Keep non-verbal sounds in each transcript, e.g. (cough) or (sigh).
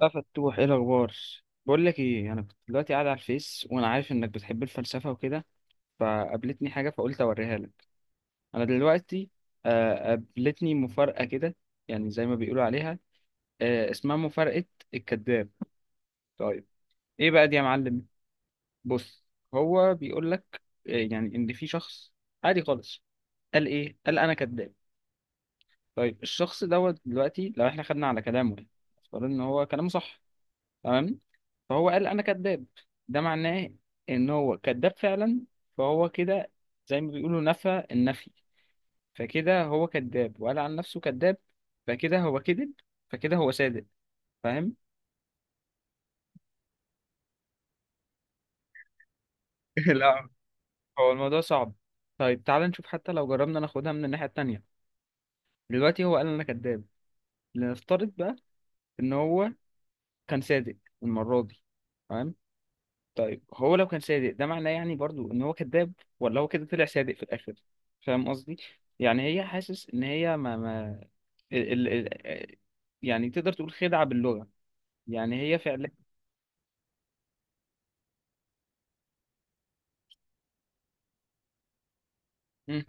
بقى فتوح ايه الاخبار؟ بقول لك ايه، انا كنت دلوقتي قاعد على الفيس وانا عارف انك بتحب الفلسفه وكده، فقابلتني حاجه فقلت اوريها لك. انا دلوقتي قابلتني مفارقه كده، يعني زي ما بيقولوا عليها. اسمها مفارقه الكذاب. طيب، ايه بقى دي يا معلم؟ بص، هو بيقول لك يعني ان في شخص عادي خالص قال ايه، قال انا كذاب. طيب الشخص دوت دلوقتي لو احنا خدنا على كلامه، يعني افترض ان هو كلامه صح، تمام، فهو قال انا كذاب. ده معناه ان هو كذاب فعلا، فهو كده زي ما بيقولوا نفى النفي، فكده هو كذاب وقال عن نفسه كذاب فكده هو كذب، فكده هو صادق، فاهم؟ (laughs) لا، هو الموضوع صعب. طيب تعال نشوف، حتى لو جربنا ناخدها من الناحية التانية، دلوقتي هو قال انا كذاب، لنفترض بقى ان هو كان صادق المرة دي، تمام. طيب هو لو كان صادق، ده معناه يعني برضو ان هو كذاب، ولا هو كده طلع صادق في الاخر؟ فاهم قصدي؟ يعني هي حاسس ان هي ما ما ال... ال... ال... يعني تقدر تقول خدعة باللغة، يعني هي فعلا. مم.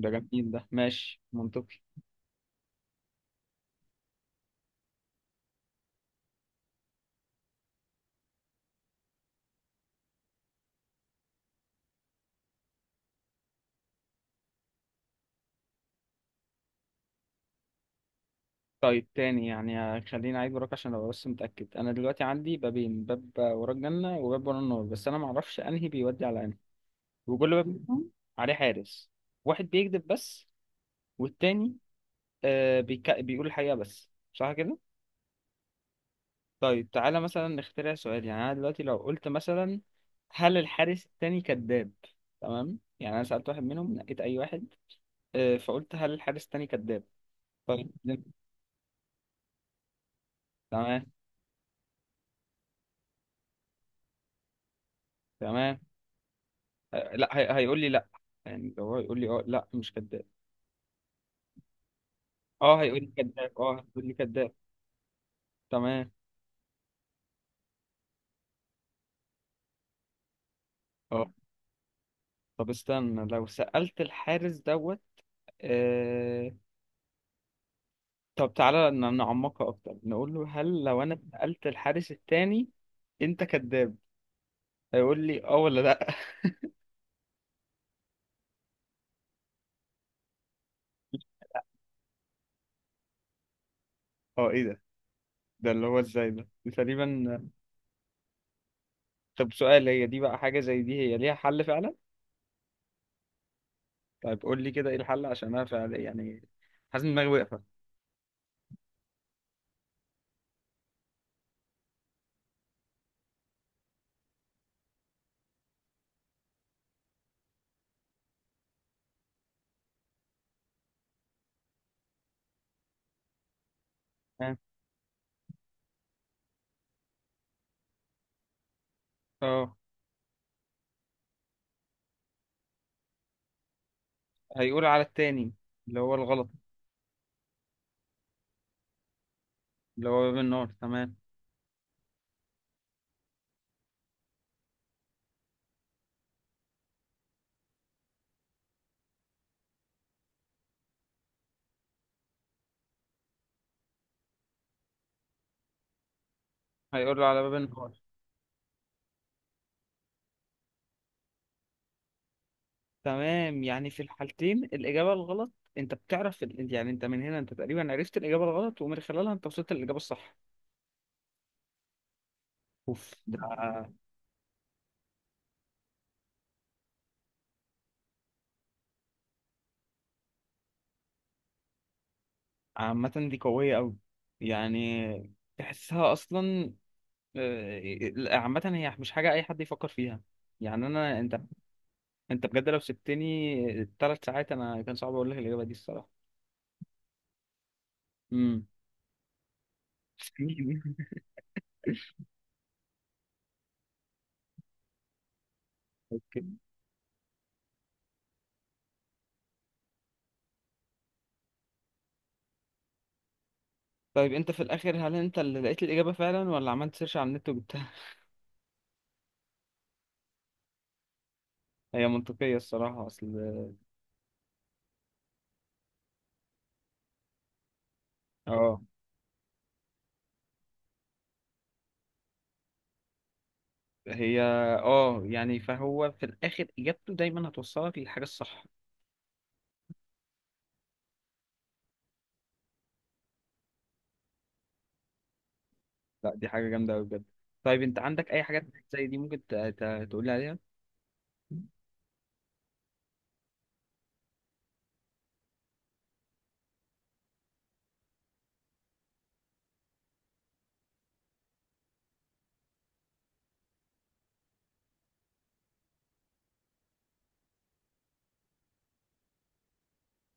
ده جميل، ده ماشي منطقي. طيب تاني، يعني خليني اعيد وراك عشان ابقى بس متأكد، انا دلوقتي عندي بابين، باب ورا الجنة وباب ورا النار، بس انا معرفش انهي بيودي على انهي، وكل باب منهم عليه حارس، واحد بيكذب بس والتاني بيقول الحقيقة، بس صح كده؟ طيب تعالى مثلا نخترع سؤال، يعني انا دلوقتي لو قلت مثلا هل الحارس التاني كذاب؟ تمام، يعني انا سألت واحد منهم، نقيت اي واحد، فقلت هل الحارس التاني كذاب؟ طيب. تمام. تمام. آه، لا هي... هيقول لي لا، يعني لو هو هيقول لي اه، لا مش كذاب، اه هيقول لي كذاب، اه هيقول لي كذاب، تمام، اه. طب استنى، لو سألت الحارس دوت آه... طب تعالى نعمقها اكتر، نقول له هل لو انا سألت الحارس التاني انت كذاب؟ هيقول لي اه ولا لا؟ اه، ايه ده؟ ده اللي هو ازاي؟ ده دي تقريبا. طب سؤال، هي دي بقى حاجة زي دي هي ليها حل فعلا؟ طيب قول لي كده ايه الحل، عشان انا فعلا يعني حاسس ان دماغي واقفة. اه، اه، هيقول على التاني، اللي هو الغلط، اللي هو باب النار، تمام. هيقول له على باب النار، تمام، يعني في الحالتين الإجابة الغلط. انت بتعرف يعني انت من هنا انت تقريبا عرفت الإجابة الغلط، ومن خلالها انت وصلت للإجابة الصح. اوف ده. عامة دي قوية قوي، يعني تحسها اصلا. عامة هي مش حاجة أي حد يفكر فيها، يعني أنا، أنت، أنت بجد لو سبتني 3 ساعات أنا كان صعب أقول لك الإجابة دي الصراحة. امم. (laughs) أوكي. طيب أنت في الآخر هل أنت اللي لقيت الإجابة فعلا ولا عملت سيرش على النت وجبتها؟ (laughs) هي منطقية الصراحة، أصل أه. هي أه، يعني فهو في الآخر إجابته دايما هتوصلك للحاجة الصح. لا، دي حاجة جامدة أوي بجد. طيب أنت عندك أي حاجات زي دي ممكن تقول لي عليها؟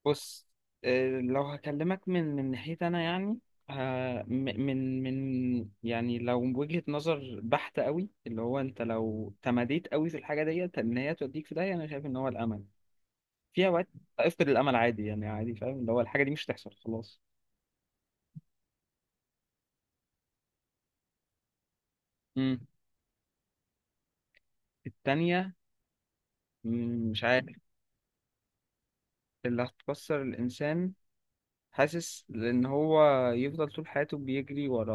بص، لو هكلمك من ناحيتي انا يعني من يعني لو وجهة نظر بحتة قوي، اللي هو انت لو تماديت قوي في الحاجة ديت ان هي توديك في داهية، انا شايف ان هو الامل. في اوقات افقد الامل عادي، يعني عادي، فاهم؟ اللي هو الحاجة دي مش هتحصل خلاص. امم. التانية، مش عارف. اللي هتكسر الانسان، حاسس لان هو يفضل طول حياته بيجري ورا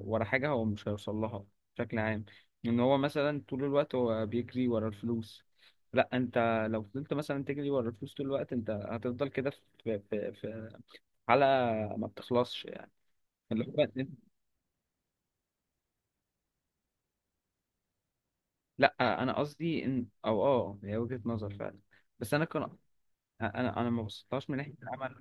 ورا حاجه هو مش هيوصل لها بشكل عام. ان هو مثلا طول الوقت هو بيجري ورا الفلوس، لا انت لو فضلت مثلا تجري ورا الفلوس طول الوقت انت هتفضل كده في حلقه ما بتخلصش يعني. اللي هو لا، انا قصدي ان او اه هي وجهه نظر فعلا، بس انا كان، انا ما بصيتهاش من ناحيه العمل.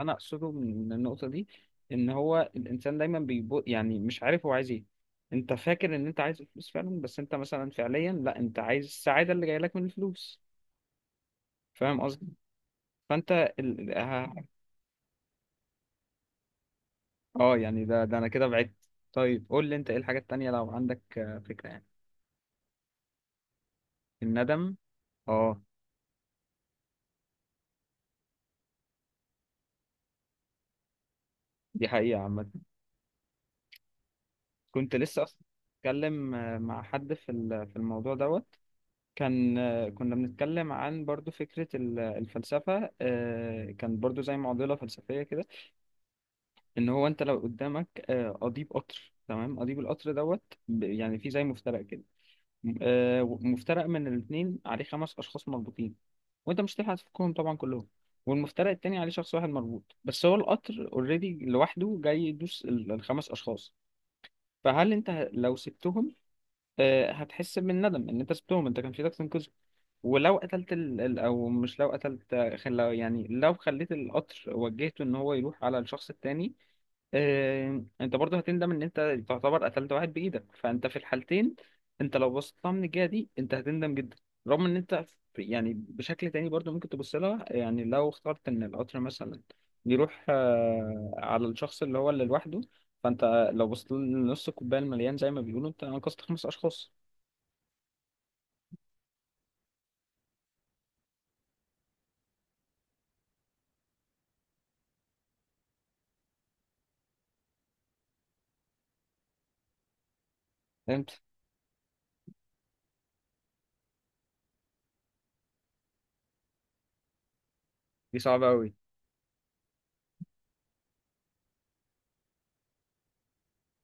انا اقصده من النقطه دي، ان هو الانسان دايما بيبو، يعني مش عارف هو عايز ايه، انت فاكر ان انت عايز الفلوس فعلا بس انت مثلا فعليا لا، انت عايز السعاده اللي جايه لك من الفلوس، فاهم قصدي؟ فانت اه يعني ده انا كده بعدت. طيب قول لي انت ايه الحاجات التانية لو عندك فكره يعني. الندم، اه. دي حقيقه عامه. كنت لسه اصلا اتكلم مع حد في في الموضوع دوت. كان كنا بنتكلم عن برضو فكرة الفلسفة، كان برضو زي معضلة فلسفية كده. إن هو أنت لو قدامك قضيب قطر، تمام، قضيب القطر دوت يعني في زي مفترق كده، مفترق من الاتنين عليه 5 أشخاص مربوطين وأنت مش هتلحق تفكهم طبعا كلهم، والمفترق التاني عليه شخص واحد مربوط بس، هو القطر اوريدي لوحده جاي يدوس ال5 أشخاص. فهل أنت لو سبتهم هتحس بالندم إن أنت سبتهم، أنت كان في إيدك تنقذهم؟ ولو قتلت ال... ال- او مش لو قتلت خل... لو- يعني لو خليت القطر وجهته ان هو يروح على الشخص التاني، انت برضه هتندم ان انت تعتبر قتلت واحد بايدك، فانت في الحالتين، انت لو بصيت لها من الجهه دي انت هتندم جدا. رغم ان انت يعني بشكل تاني برضه ممكن تبص لها، يعني لو اخترت ان القطر مثلا يروح على الشخص اللي هو اللي لوحده، فانت لو بصيت لنص الكوبايه المليان زي ما بيقولوا، انت انقذت 5 اشخاص. فهمت. دي صعبه قوي.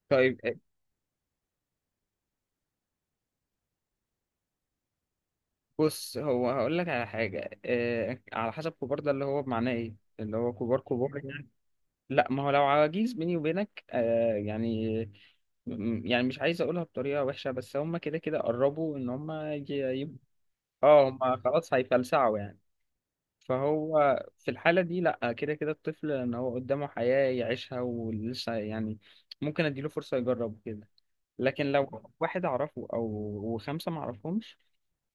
طيب بص، هو هقول لك على حاجة. إيه على حسب؟ كبار ده اللي هو بمعناه ايه، اللي هو كبار كبار يعني. لا، ما هو لو عواجيز بيني وبينك يعني، يعني مش عايز اقولها بطريقة وحشة بس هم كده كده قربوا ان هم يبقوا، اه هم خلاص هيفلسعوا يعني. فهو في الحالة دي لا، كده كده الطفل ان هو قدامه حياة يعيشها ولسه يعني ممكن اديله فرصة يجرب كده، لكن لو واحد اعرفه او و5 ما اعرفهمش،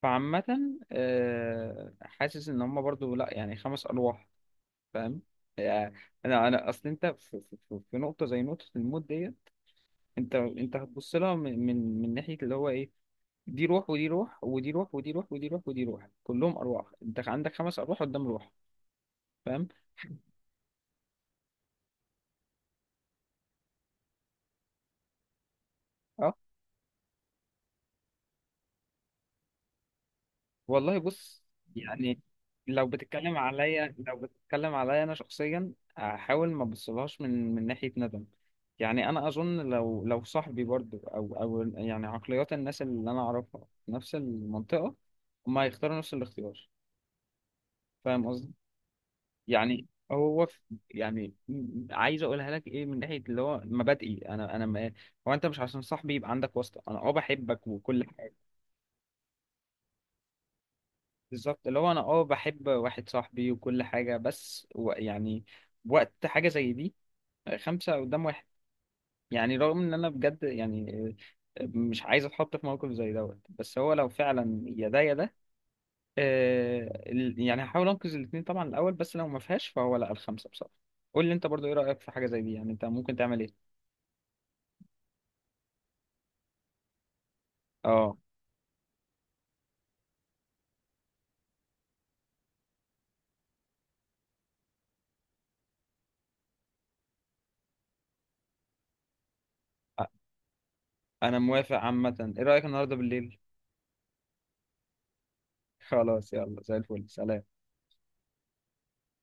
فعامة حاسس ان هم برضو لا، يعني 5 ارواح، فاهم يعني؟ انا اصل انت في نقطة زي نقطة الموت ديت، انت هتبص لها من ناحية اللي هو ايه، دي روح ودي روح ودي روح ودي روح ودي روح ودي روح، كلهم ارواح، انت عندك 5 ارواح قدام روح، فاهم؟ أه؟ والله بص. يعني لو بتتكلم عليا، لو بتتكلم عليا انا شخصيا احاول ما ابصلهاش من ناحيه ندم. يعني انا اظن لو صاحبي برضو او يعني عقليات الناس اللي انا اعرفها في نفس المنطقه هم هيختاروا نفس الاختيار، فاهم قصدي؟ يعني هو في، يعني عايز اقولها لك ايه، من ناحيه اللي هو مبادئي، انا ما، هو انت مش عشان صاحبي يبقى عندك واسطه، انا اه بحبك وكل حاجه. بالظبط، اللي هو انا اه بحب واحد صاحبي وكل حاجة، بس و يعني وقت حاجة زي دي، 5 قدام واحد، يعني رغم ان انا بجد يعني مش عايز اتحط في موقف زي دوت، بس هو لو فعلا يا ده يا ده آه، يعني هحاول انقذ الاتنين طبعا الاول، بس لو ما فيهاش فهو لا، ال5 بصراحة. قول لي انت برضو ايه رأيك في حاجة زي دي، يعني انت ممكن تعمل ايه؟ اه. أ- انا موافق عامة. ايه رأيك النهاردة بالليل؟ (laughs) خلاص يلا، زي الفل، سلام.